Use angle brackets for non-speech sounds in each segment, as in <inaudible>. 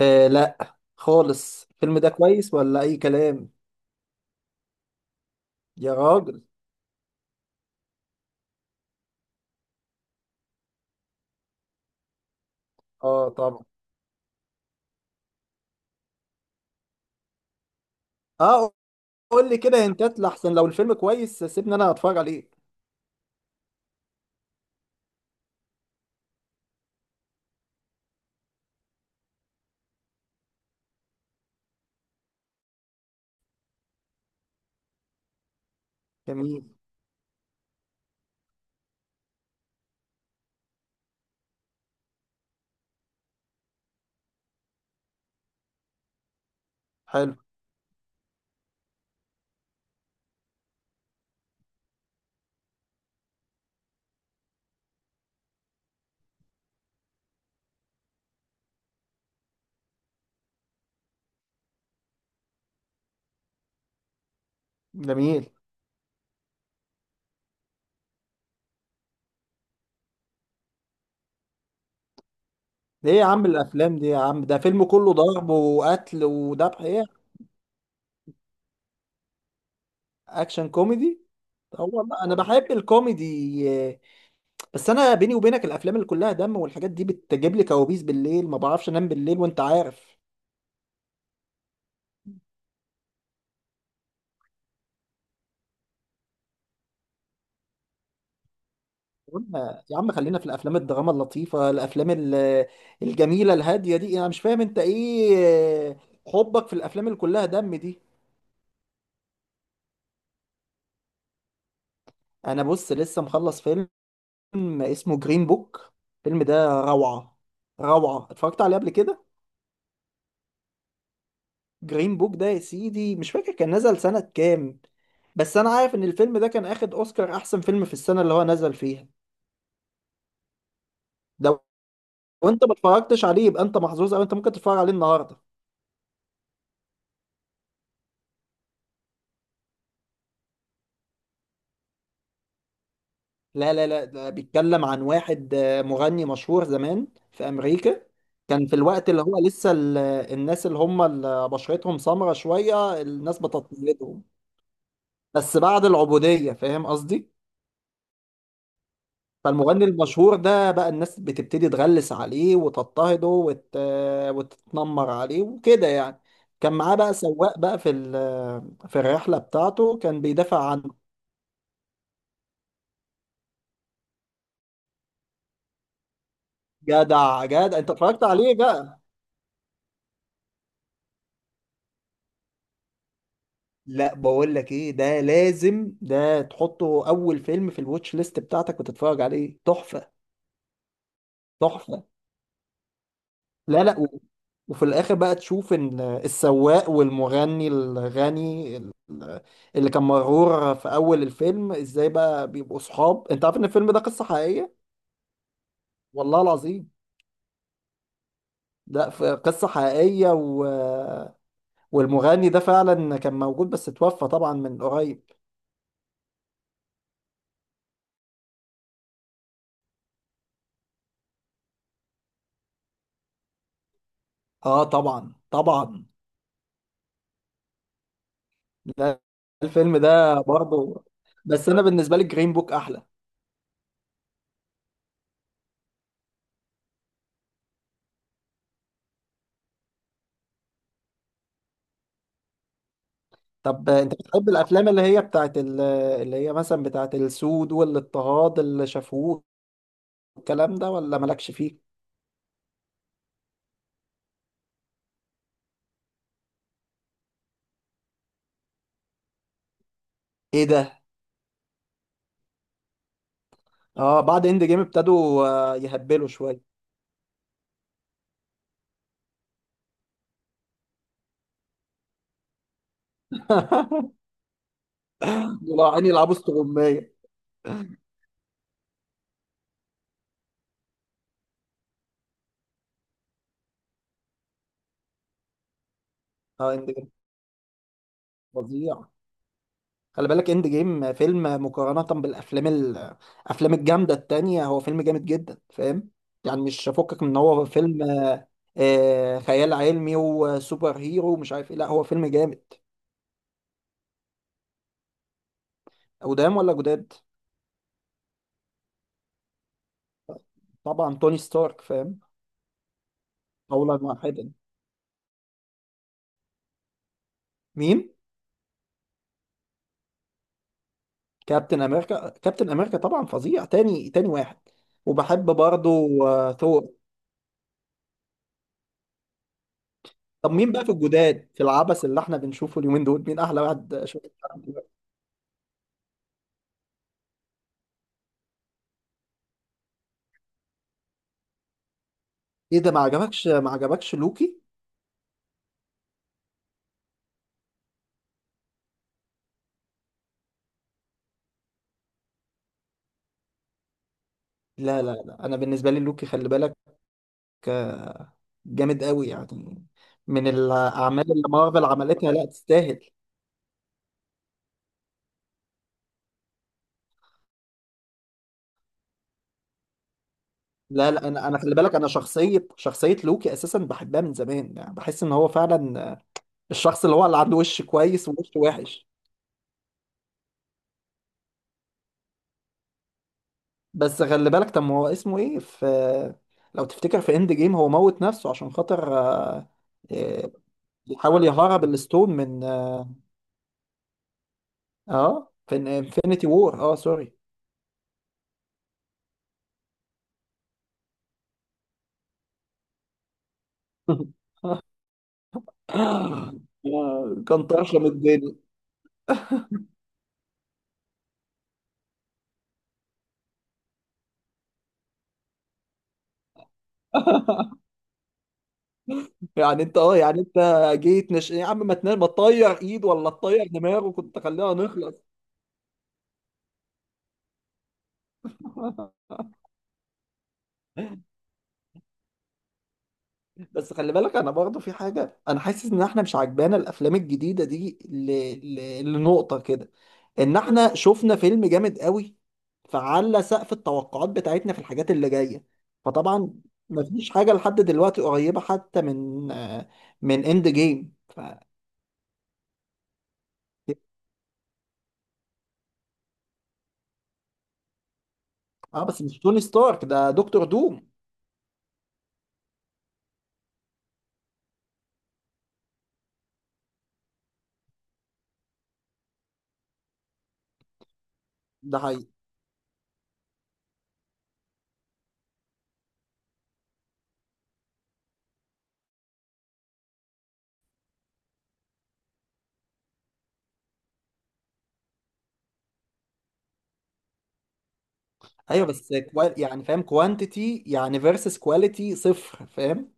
لا خالص، الفيلم ده كويس ولا اي كلام؟ يا راجل. اه طبعا. اه قول لي كده هنتات لحسن، لو الفيلم كويس سيبني انا اتفرج عليه. جميل. حلو. جميل. ليه يا عم الافلام دي يا عم، ده فيلم كله ضرب وقتل وذبح ايه؟ اكشن كوميدي. هو والله انا بحب الكوميدي. بس انا بيني وبينك الافلام اللي كلها دم والحاجات دي بتجيب لي كوابيس بالليل، ما بعرفش انام بالليل وانت عارف. قلنا يا عم خلينا في الافلام الدراما اللطيفه، الافلام الجميله الهاديه دي، انا مش فاهم انت ايه حبك في الافلام اللي كلها دم دي. انا بص لسه مخلص فيلم اسمه جرين بوك، الفيلم ده روعه. روعه، اتفرجت عليه قبل كده. جرين بوك ده يا سيدي مش فاكر كان نزل سنه كام، بس انا عارف ان الفيلم ده كان اخد اوسكار احسن فيلم في السنه اللي هو نزل فيها. لو انت ما اتفرجتش عليه يبقى انت محظوظ، او انت ممكن تتفرج عليه النهارده. لا لا لا، ده بيتكلم عن واحد، مغني مشهور زمان في أمريكا. كان في الوقت اللي هو لسه الناس اللي هم اللي بشرتهم سمرة شوية الناس بتضطهدهم. بس بعد العبودية، فاهم قصدي؟ فالمغني المشهور ده بقى الناس بتبتدي تغلس عليه وتضطهده وتتنمر عليه وكده يعني. كان معاه بقى سواق بقى في في الرحلة بتاعته، كان بيدافع عنه. جدع جدع، انت اتفرجت عليه. لا بقول لك ايه، ده لازم ده تحطه اول فيلم في الواتش ليست بتاعتك وتتفرج عليه، تحفة. تحفة. لا لا وفي الاخر بقى تشوف ان السواق والمغني الغني اللي كان مرور في اول الفيلم، ازاي بقى بيبقوا صحاب. انت عارف ان الفيلم ده قصة حقيقية. والله العظيم. ده قصة حقيقية والمغني ده فعلا كان موجود، بس اتوفى طبعا من قريب. اه طبعا طبعا. لا، الفيلم ده برضه، بس انا بالنسبه لي جرين بوك احلى. طب انت بتحب الافلام اللي هي بتاعت اللي هي مثلا بتاعت السود والاضطهاد اللي شافوه الكلام ده ولا مالكش فيه؟ ايه ده. اه بعد اند جيم ابتدوا، يهبلوا شويه. عيني يلعبوا استغمايه. اه اند جيم فظيع. خلي بالك اند جيم فيلم، مقارنة بالافلام الافلام الجامدة التانية هو فيلم جامد جدا، فاهم؟ يعني مش فكك من ان هو فيلم، خيال علمي وسوبر هيرو ومش عارف ايه، لا هو فيلم جامد. قدام ولا جداد؟ طبعا توني ستارك، فاهم. اولا واحدا. مين؟ كابتن امريكا. كابتن امريكا طبعا فظيع. تاني واحد، وبحب برضه، ثور. طب مين بقى في الجداد، في العبث اللي احنا بنشوفه اليومين دول، مين احلى واحد شفته؟ ايه ده ما عجبكش؟ ما عجبكش لوكي؟ لا لا لا، انا بالنسبه لي لوكي خلي بالك آه، جامد قوي يعني، من الاعمال اللي مارفل عملتها لا تستاهل. لا لا، انا خلي بالك، انا شخصيه شخصيه لوكي اساسا بحبها من زمان، يعني بحس ان هو فعلا الشخص اللي هو اللي عنده وش كويس ووش وحش. بس خلي بالك، طب ما هو اسمه ايه؟ في، لو تفتكر في اند جيم هو موت نفسه عشان خاطر، آه، بيحاول يهرب الستون من اه، في انفينيتي وور، اه سوري. <laughs> آه، كان طرشم الدنيا. يعني انت اه، يعني انت جيت يا عم ما تنام، ما تطير ايد ولا تطير دماغه، كنت خلينا نخلص. <laughs> بس خلي بالك، انا برضه في حاجه، انا حاسس ان احنا مش عجبانا الافلام الجديده دي لنقطه كده، ان احنا شفنا فيلم جامد قوي، فعلى سقف التوقعات بتاعتنا في الحاجات اللي جايه فطبعا مفيش حاجه لحد دلوقتي قريبه حتى من، من اند جيم. اه بس مش توني ستارك، ده دكتور دوم. ده حقيقي. ايوه بس يعني فاهم كوانتيتي يعني فيرسس كواليتي صفر، فاهم.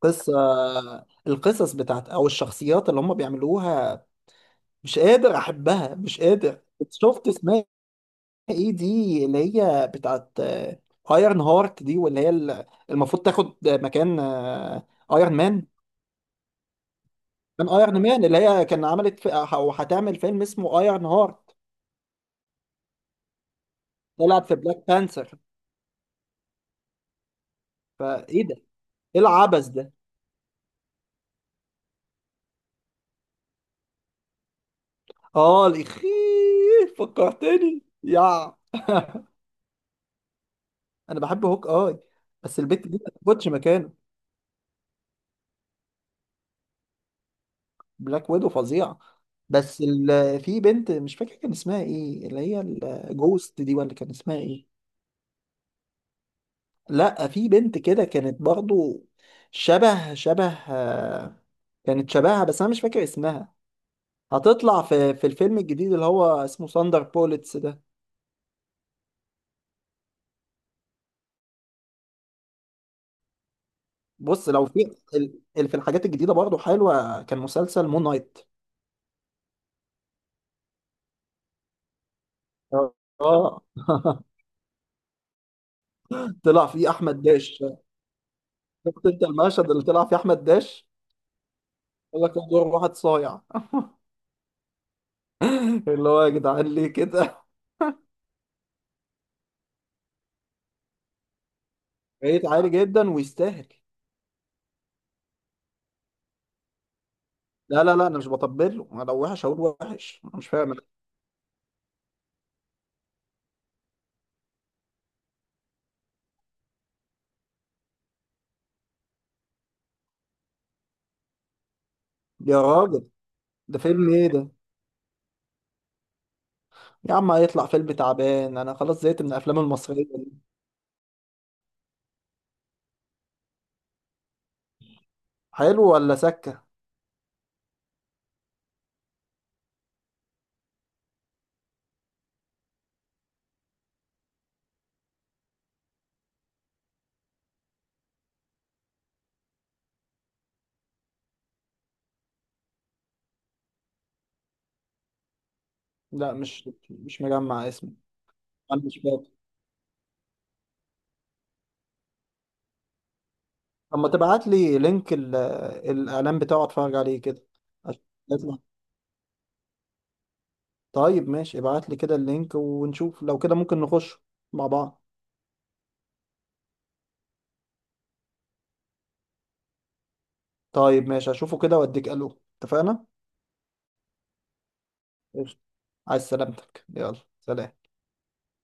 قصة، القصص بتاعت او الشخصيات اللي هم بيعملوها مش قادر احبها، مش قادر. شفت اسمها ايه دي اللي هي بتاعت ايرن هارت دي، واللي هي المفروض تاخد مكان ايرون مان. كان ايرون مان اللي هي كان او هتعمل فيلم اسمه ايرون هارت، طلعت في بلاك بانثر فايه ده. ايه العبث ده. اه الاخيه، فكرتني يا. <laughs> انا بحب هوك اي، بس البت دي ما تاخدش مكانه. بلاك ويدو فظيع. بس في بنت مش فاكر كان اسمها ايه اللي هي الجوست دي، ولا كان اسمها ايه. لا في بنت كده كانت برضو شبه شبه، كانت شبهها، بس انا مش فاكر اسمها. هتطلع في في الفيلم الجديد اللي هو اسمه ساندر بوليتس ده. بص لو في في الحاجات الجديدة برضو حلوة، كان مسلسل مون نايت. اه. <laughs> طلع فيه احمد داش. شفت انت المشهد اللي طلع فيه احمد داش؟ قال لك هو دور واحد صايع. <laughs> اللي هو يا جدعان ليه كده. <laughs> ريت عالي جدا ويستاهل. لا لا لا، انا مش بطبل له، انا لو وحش هقول وحش، انا مش فاهم. يا راجل. ده فيلم ايه ده؟ يا عم هيطلع فيلم تعبان، انا خلاص زهقت من الافلام المصريه دي. حلو ولا سكه؟ لا مش مش مجمع اسمه. انا مش فاكر. اما تبعت لي لينك الاعلان بتاعه اتفرج عليه كده. عشان، طيب ماشي، ابعت لي كده اللينك ونشوف لو كده ممكن نخش مع بعض. طيب ماشي هشوفه كده واديك الو، اتفقنا. قشطة. عايز سلامتك، يلا سلام.